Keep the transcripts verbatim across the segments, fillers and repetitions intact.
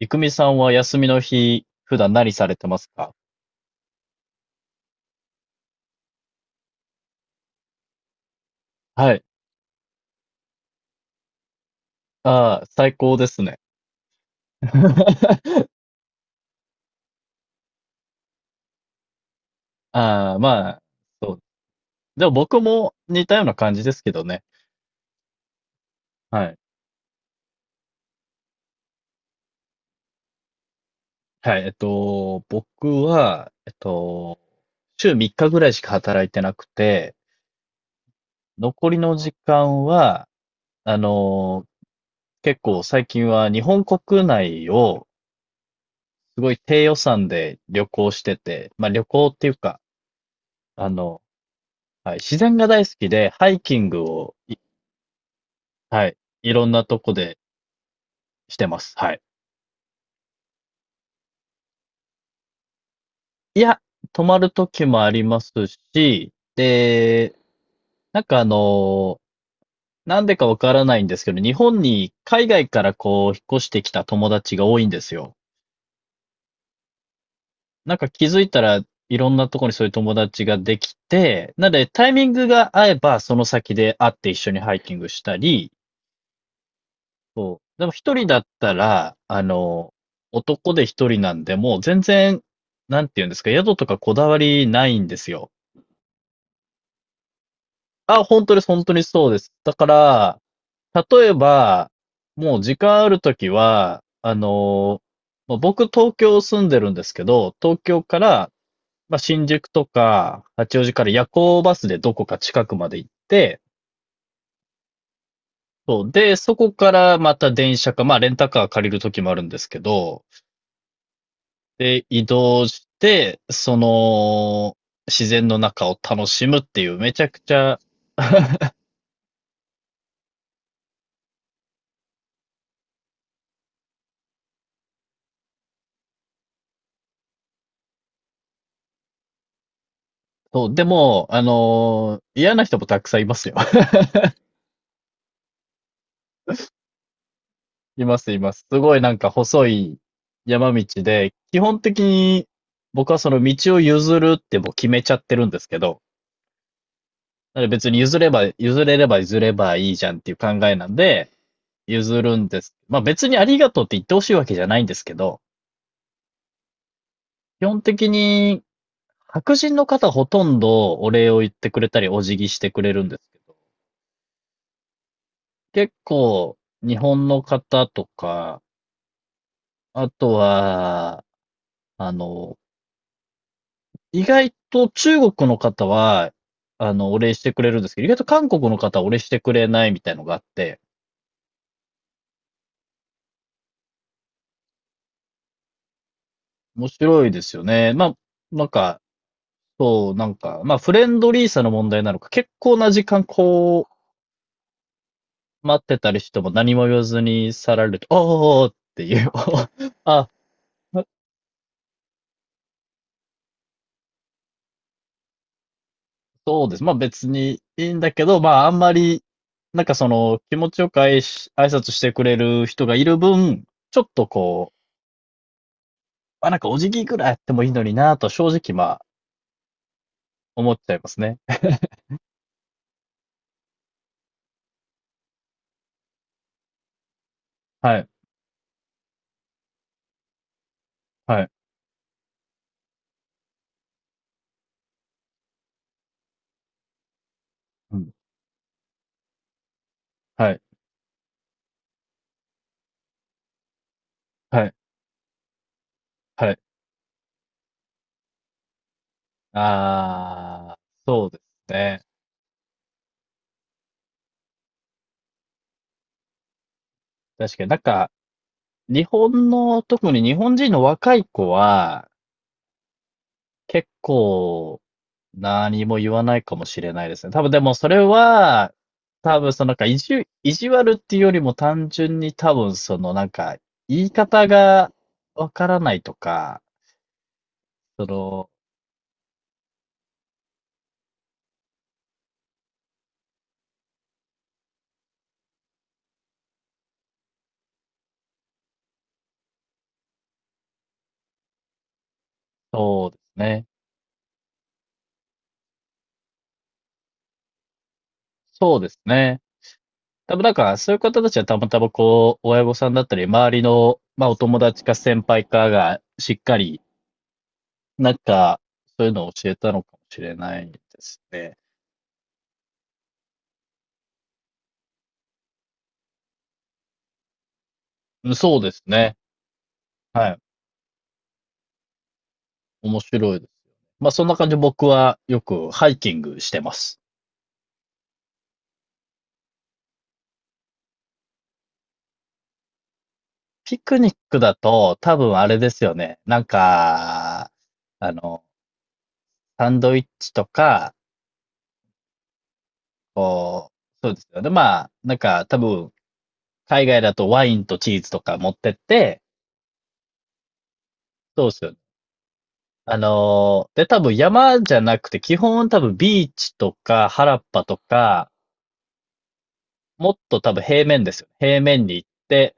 いくみさんは休みの日、普段何されてますか？はい。ああ、最高ですね。ああ、まあ、そう。でも僕も似たような感じですけどね。はい。はい。えっと、僕は、えっと、週みっかぐらいしか働いてなくて、残りの時間は、あの、結構最近は日本国内をすごい低予算で旅行してて、まあ旅行っていうか、あの、はい。自然が大好きで、ハイキングを、いはい。いろんなとこでしてます。はい。いや、泊まる時もありますし、で、なんかあの、なんでかわからないんですけど、日本に海外からこう、引っ越してきた友達が多いんですよ。なんか気づいたら、いろんなとこにそういう友達ができて、なのでタイミングが合えば、その先で会って一緒にハイキングしたり、そう。でも一人だったら、あの、男で一人なんで、もう全然、なんて言うんですか、宿とかこだわりないんですよ。あ、本当です、本当にそうです。だから、例えば、もう時間あるときは、あの、まあ僕東京住んでるんですけど、東京から、まあ、新宿とか八王子から夜行バスでどこか近くまで行って、そう。で、そこからまた電車か、まあレンタカー借りるときもあるんですけど、で、移動して、その、自然の中を楽しむっていう、めちゃくちゃ そう、でも、あのー嫌な人もたくさんいますよ。います、います。すごいなんか細い山道で、基本的に僕はその道を譲るってもう決めちゃってるんですけど、だから別に譲れば、譲れれば譲ればいいじゃんっていう考えなんで、譲るんです。まあ別にありがとうって言ってほしいわけじゃないんですけど、基本的に白人の方ほとんどお礼を言ってくれたり、お辞儀してくれるんですけど、結構日本の方とか、あとは、あの、意外と中国の方は、あの、お礼してくれるんですけど、意外と韓国の方はお礼してくれないみたいのがあって、面白いですよね。まあ、なんか、そう、なんか、まあ、フレンドリーさの問題なのか、結構な時間こう、待ってたりしても何も言わずに去られると、おーっていう、あ、そうです。まあ別にいいんだけど、まああんまり、なんかその気持ちよく挨拶挨拶してくれる人がいる分、ちょっとこう、あ、なんかお辞儀ぐらいやってもいいのになと正直まあ思っちゃいますね。はい、はい、うん、はい、はい、はい。ああ、そうですね。確かになんか日本の、特に日本人の若い子は結構何も言わないかもしれないですね。多分でもそれは、多分そのなんか意地、意地悪っていうよりも単純に多分そのなんか言い方がわからないとか、その、そうですね。そうですね。多分なんかそういう方たちはたまたまこう、親御さんだったり、周りの、まあお友達か先輩かがしっかり、なんかそういうのを教えたのかもしれないですね。うん、そうですね。はい。面白いです。まあそんな感じで僕はよくハイキングしてます。ピクニックだと多分あれですよね。なんか、あの、サンドイッチとか、こう、そうですよね。まあ、なんか多分海外だとワインとチーズとか持ってって、そうですよね。あのーで多分山じゃなくて基本多分ビーチとか原っぱとか、もっと多分平面ですよね。平面に行って、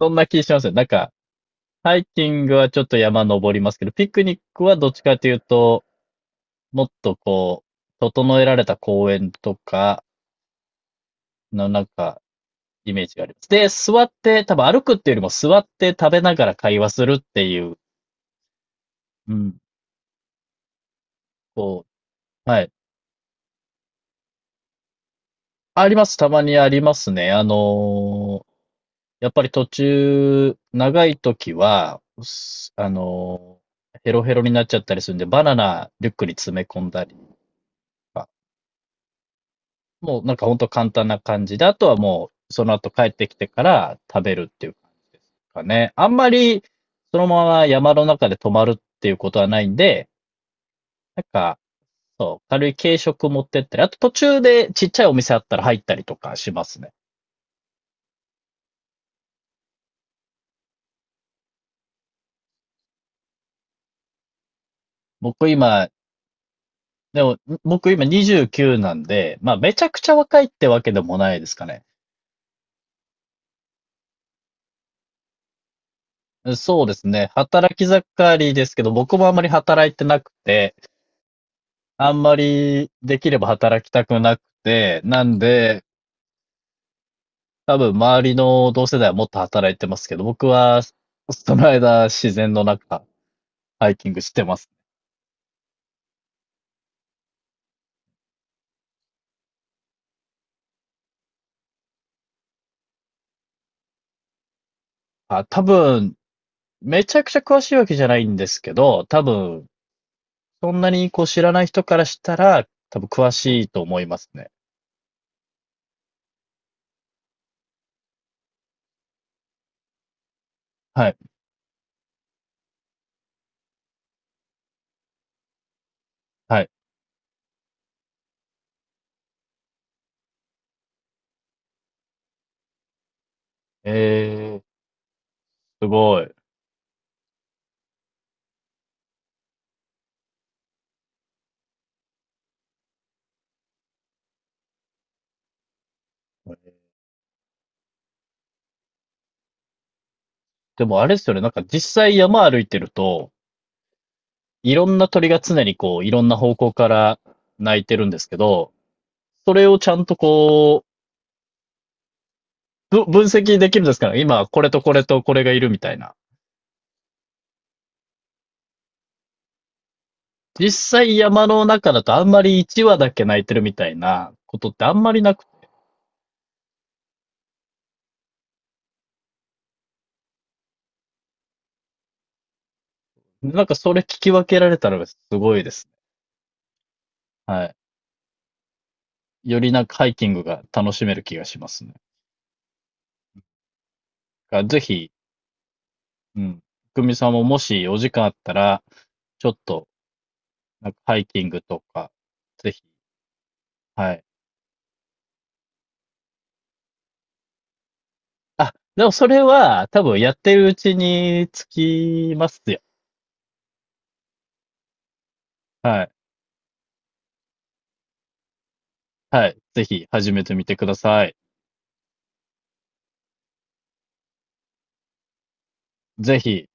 そんな気しますよ。なんか、ハイキングはちょっと山登りますけど、ピクニックはどっちかというと、もっとこう、整えられた公園とかのなんか、イメージがあります。で、座って、多分歩くっていうよりも座って食べながら会話するっていう、うん、こう、はい。あります。たまにありますね。あのーやっぱり途中、長い時は、すあのーヘロヘロになっちゃったりするんで、バナナリュックに詰め込んだりとか、もうなんかほんと簡単な感じで、あとはもうその後帰ってきてから食べるっていうかね。あんまりそのまま山の中で泊まるっていうことはないんで、なんか、そう、軽い軽食持ってったり、あと途中でちっちゃいお店あったら入ったりとかしますね。僕今、でも、僕今にじゅうきゅうなんで、まあめちゃくちゃ若いってわけでもないですかね。そうですね。働き盛りですけど、僕もあんまり働いてなくて、あんまりできれば働きたくなくて、なんで、多分周りの同世代はもっと働いてますけど、僕はその間自然の中ハイキングしてます。あ、多分めちゃくちゃ詳しいわけじゃないんですけど、多分そんなにこう知らない人からしたら多分詳しいと思いますね。はい。はい。えー、すごい。でもあれですよね、なんか実際山歩いてると、いろんな鳥が常にこういろんな方向から鳴いてるんですけど、それをちゃんとこうぶ分析できるんですから、今これとこれとこれがいるみたいな。実際山の中だとあんまりいちわだけ泣いてるみたいなことってあんまりなく、なんかそれ聞き分けられたらすごいですね。はい。よりなんかハイキングが楽しめる気がしますね。ぜひ、うん。くみさんももしお時間あったら、ちょっと、なんかハイキングとか、ぜひ、はい。あ、でもそれは多分やってるうちにつきますよ。はい。はい。ぜひ始めてみてください。ぜひ。